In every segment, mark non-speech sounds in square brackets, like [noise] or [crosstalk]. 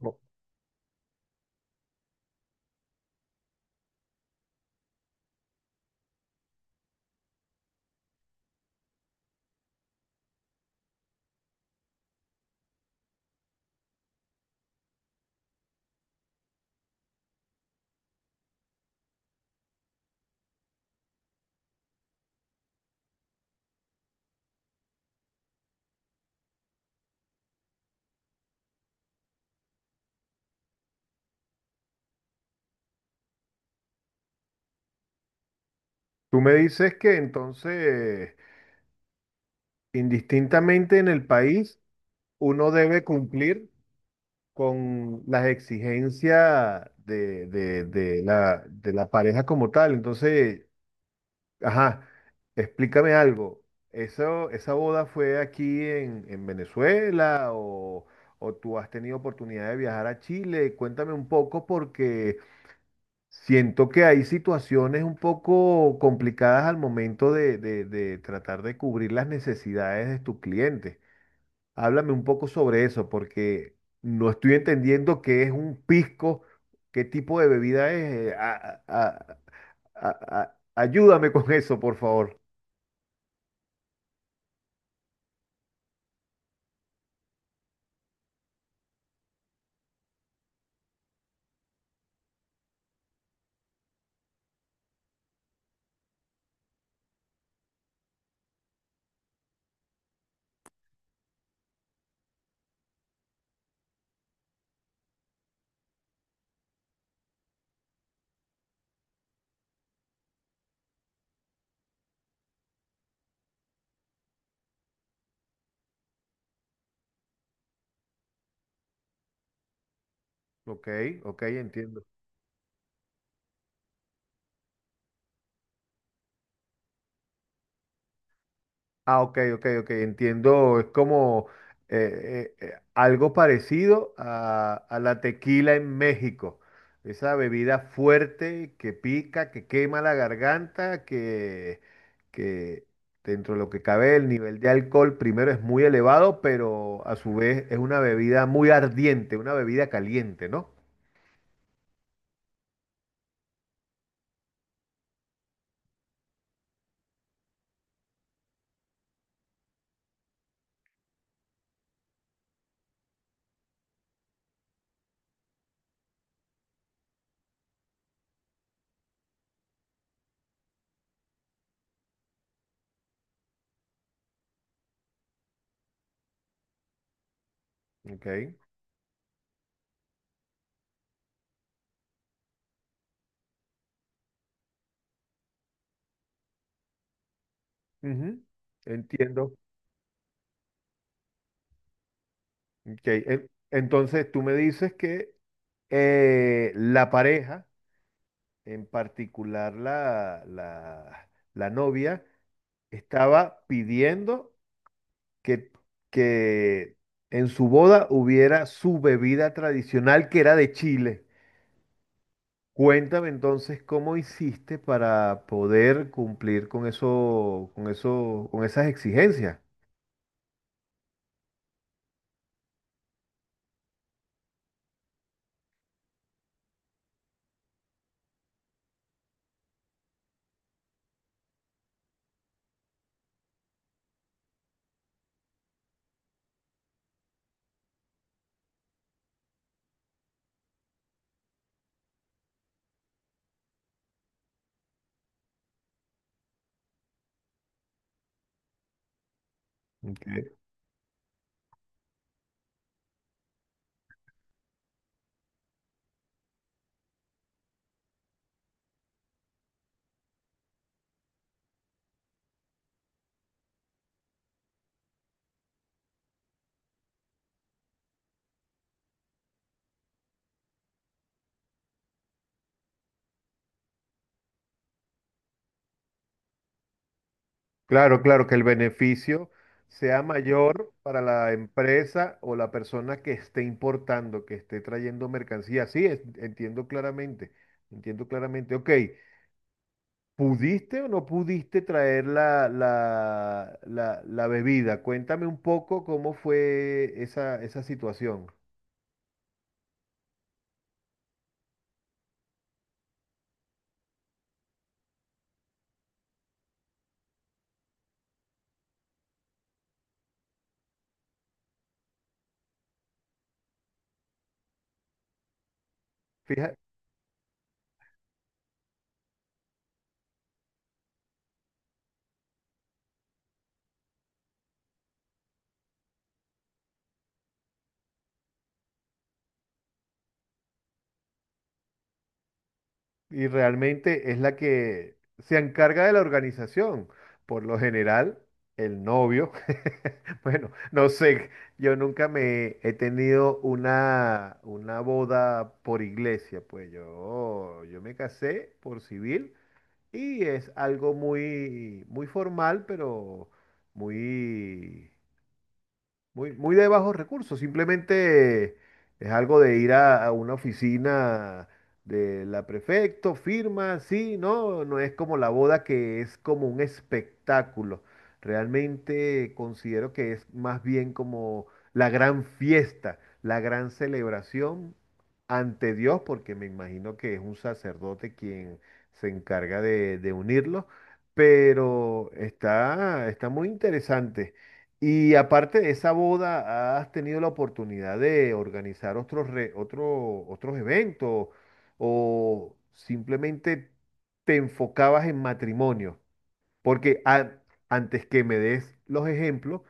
No. Tú me dices que entonces, indistintamente en el país, uno debe cumplir con las exigencias de la pareja como tal. Entonces, ajá, explícame algo. ¿Eso, esa boda fue aquí en Venezuela, o tú has tenido oportunidad de viajar a Chile? Cuéntame un poco porque siento que hay situaciones un poco complicadas al momento de tratar de cubrir las necesidades de tus clientes. Háblame un poco sobre eso, porque no estoy entendiendo qué es un pisco, qué tipo de bebida es. Ayúdame con eso, por favor. Ok, ok, entiendo. Ah, ok, ok, ok, entiendo. Es como algo parecido a la tequila en México. Esa bebida fuerte que pica, que quema la garganta, que dentro de lo que cabe, el nivel de alcohol primero es muy elevado, pero a su vez es una bebida muy ardiente, una bebida caliente, ¿no? Ok, ujú, entiendo. Ok, entonces tú me dices que la pareja, en particular la novia, estaba pidiendo que, que en su boda hubiera su bebida tradicional, que era de Chile. Cuéntame entonces cómo hiciste para poder cumplir con esas exigencias. Ok. Claro, claro, que el beneficio sea mayor para la empresa o la persona que esté importando, que esté trayendo mercancía. Sí, entiendo claramente. Ok, ¿pudiste o no pudiste traer la bebida? Cuéntame un poco cómo fue esa situación. Fija- y realmente es la que se encarga de la organización. Por lo general, el novio, [laughs] bueno, no sé, yo nunca me he tenido una boda por iglesia, pues yo me casé por civil y es algo muy, muy formal, pero muy, muy, muy de bajos recursos, simplemente es algo de ir a una oficina de la prefecto, firma, sí, no, no es como la boda, que es como un espectáculo. Realmente considero que es más bien como la gran fiesta, la gran celebración ante Dios, porque me imagino que es un sacerdote quien se encarga de unirlos, pero está muy interesante. Y aparte de esa boda, ¿has tenido la oportunidad de organizar otros eventos, o simplemente te enfocabas en matrimonio? Porque antes que me des los ejemplos,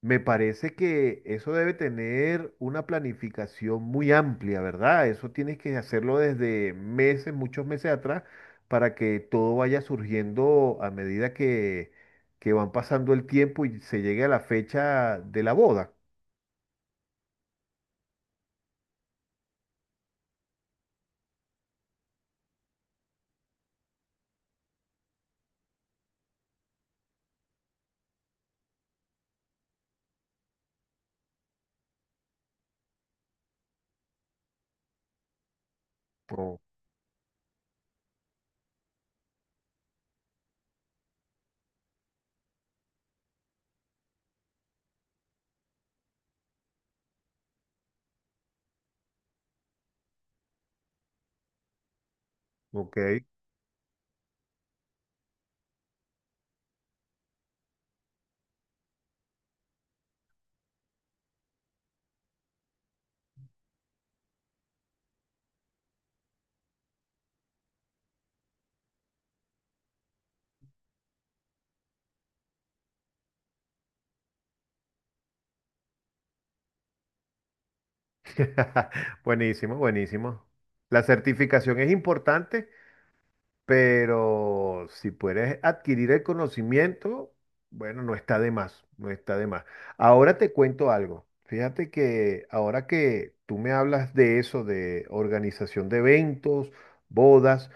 me parece que eso debe tener una planificación muy amplia, ¿verdad? Eso tienes que hacerlo desde meses, muchos meses atrás, para que todo vaya surgiendo a medida que van pasando el tiempo y se llegue a la fecha de la boda. Oh, ok. [laughs] Buenísimo, buenísimo. La certificación es importante, pero si puedes adquirir el conocimiento, bueno, no está de más, no está de más. Ahora te cuento algo. Fíjate que ahora que tú me hablas de eso, de organización de eventos, bodas,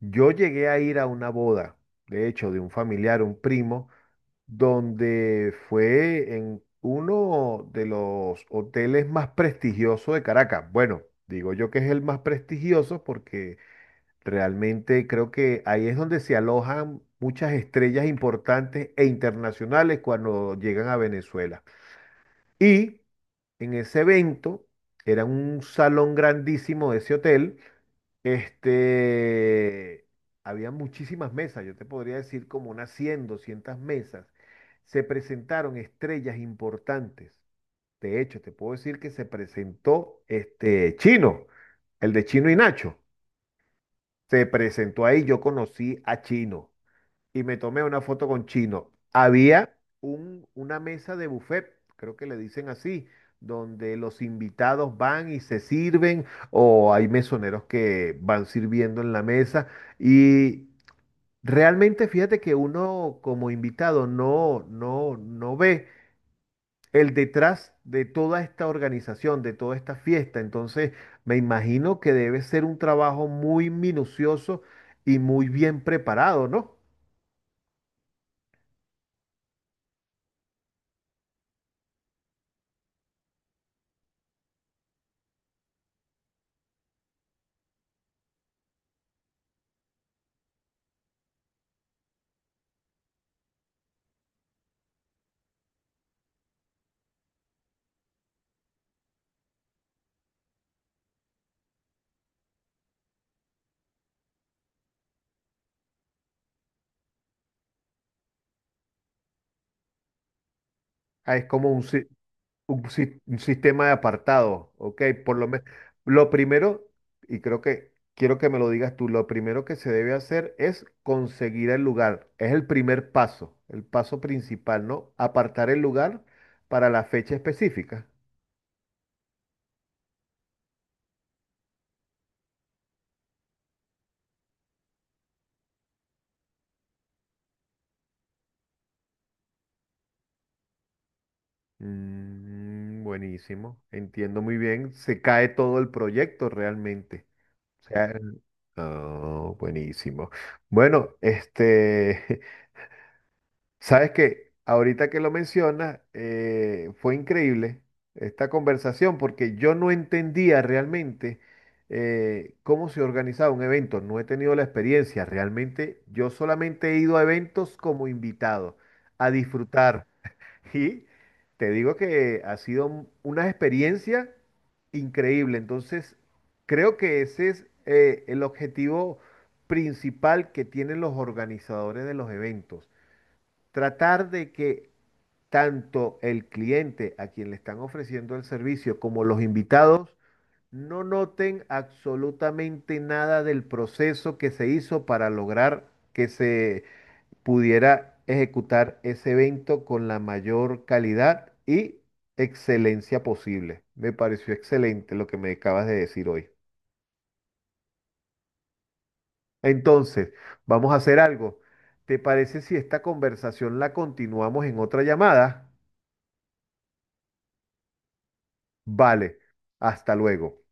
yo llegué a ir a una boda, de hecho, de un familiar, un primo, donde fue en uno de los hoteles más prestigiosos de Caracas. Bueno, digo yo que es el más prestigioso porque realmente creo que ahí es donde se alojan muchas estrellas importantes e internacionales cuando llegan a Venezuela. Y en ese evento, era un salón grandísimo de ese hotel, este, había muchísimas mesas, yo te podría decir como unas 100, 200 mesas. Se presentaron estrellas importantes. De hecho, te puedo decir que se presentó este Chino, el de Chino y Nacho. Se presentó ahí, yo conocí a Chino y me tomé una foto con Chino. Había una mesa de buffet, creo que le dicen así, donde los invitados van y se sirven, o hay mesoneros que van sirviendo en la mesa. Y realmente fíjate que uno como invitado no, no, no ve el detrás de toda esta organización, de toda esta fiesta. Entonces, me imagino que debe ser un trabajo muy minucioso y muy bien preparado, ¿no? Ah, es como un sistema de apartado, ¿ok? Por lo menos, lo primero, y creo que quiero que me lo digas tú, lo primero que se debe hacer es conseguir el lugar. Es el primer paso, el paso principal, ¿no? Apartar el lugar para la fecha específica. Mm, buenísimo, entiendo muy bien. Se cae todo el proyecto realmente. O sea, oh, buenísimo. Bueno, [laughs] sabes que ahorita que lo mencionas, fue increíble esta conversación porque yo no entendía realmente cómo se organizaba un evento. No he tenido la experiencia. Realmente yo solamente he ido a eventos como invitado, a disfrutar. [laughs] Y te digo que ha sido una experiencia increíble. Entonces, creo que ese es el objetivo principal que tienen los organizadores de los eventos. Tratar de que tanto el cliente a quien le están ofreciendo el servicio como los invitados no noten absolutamente nada del proceso que se hizo para lograr que se pudiera ejecutar ese evento con la mayor calidad y excelencia posible. Me pareció excelente lo que me acabas de decir hoy. Entonces, vamos a hacer algo. ¿Te parece si esta conversación la continuamos en otra llamada? Vale, hasta luego.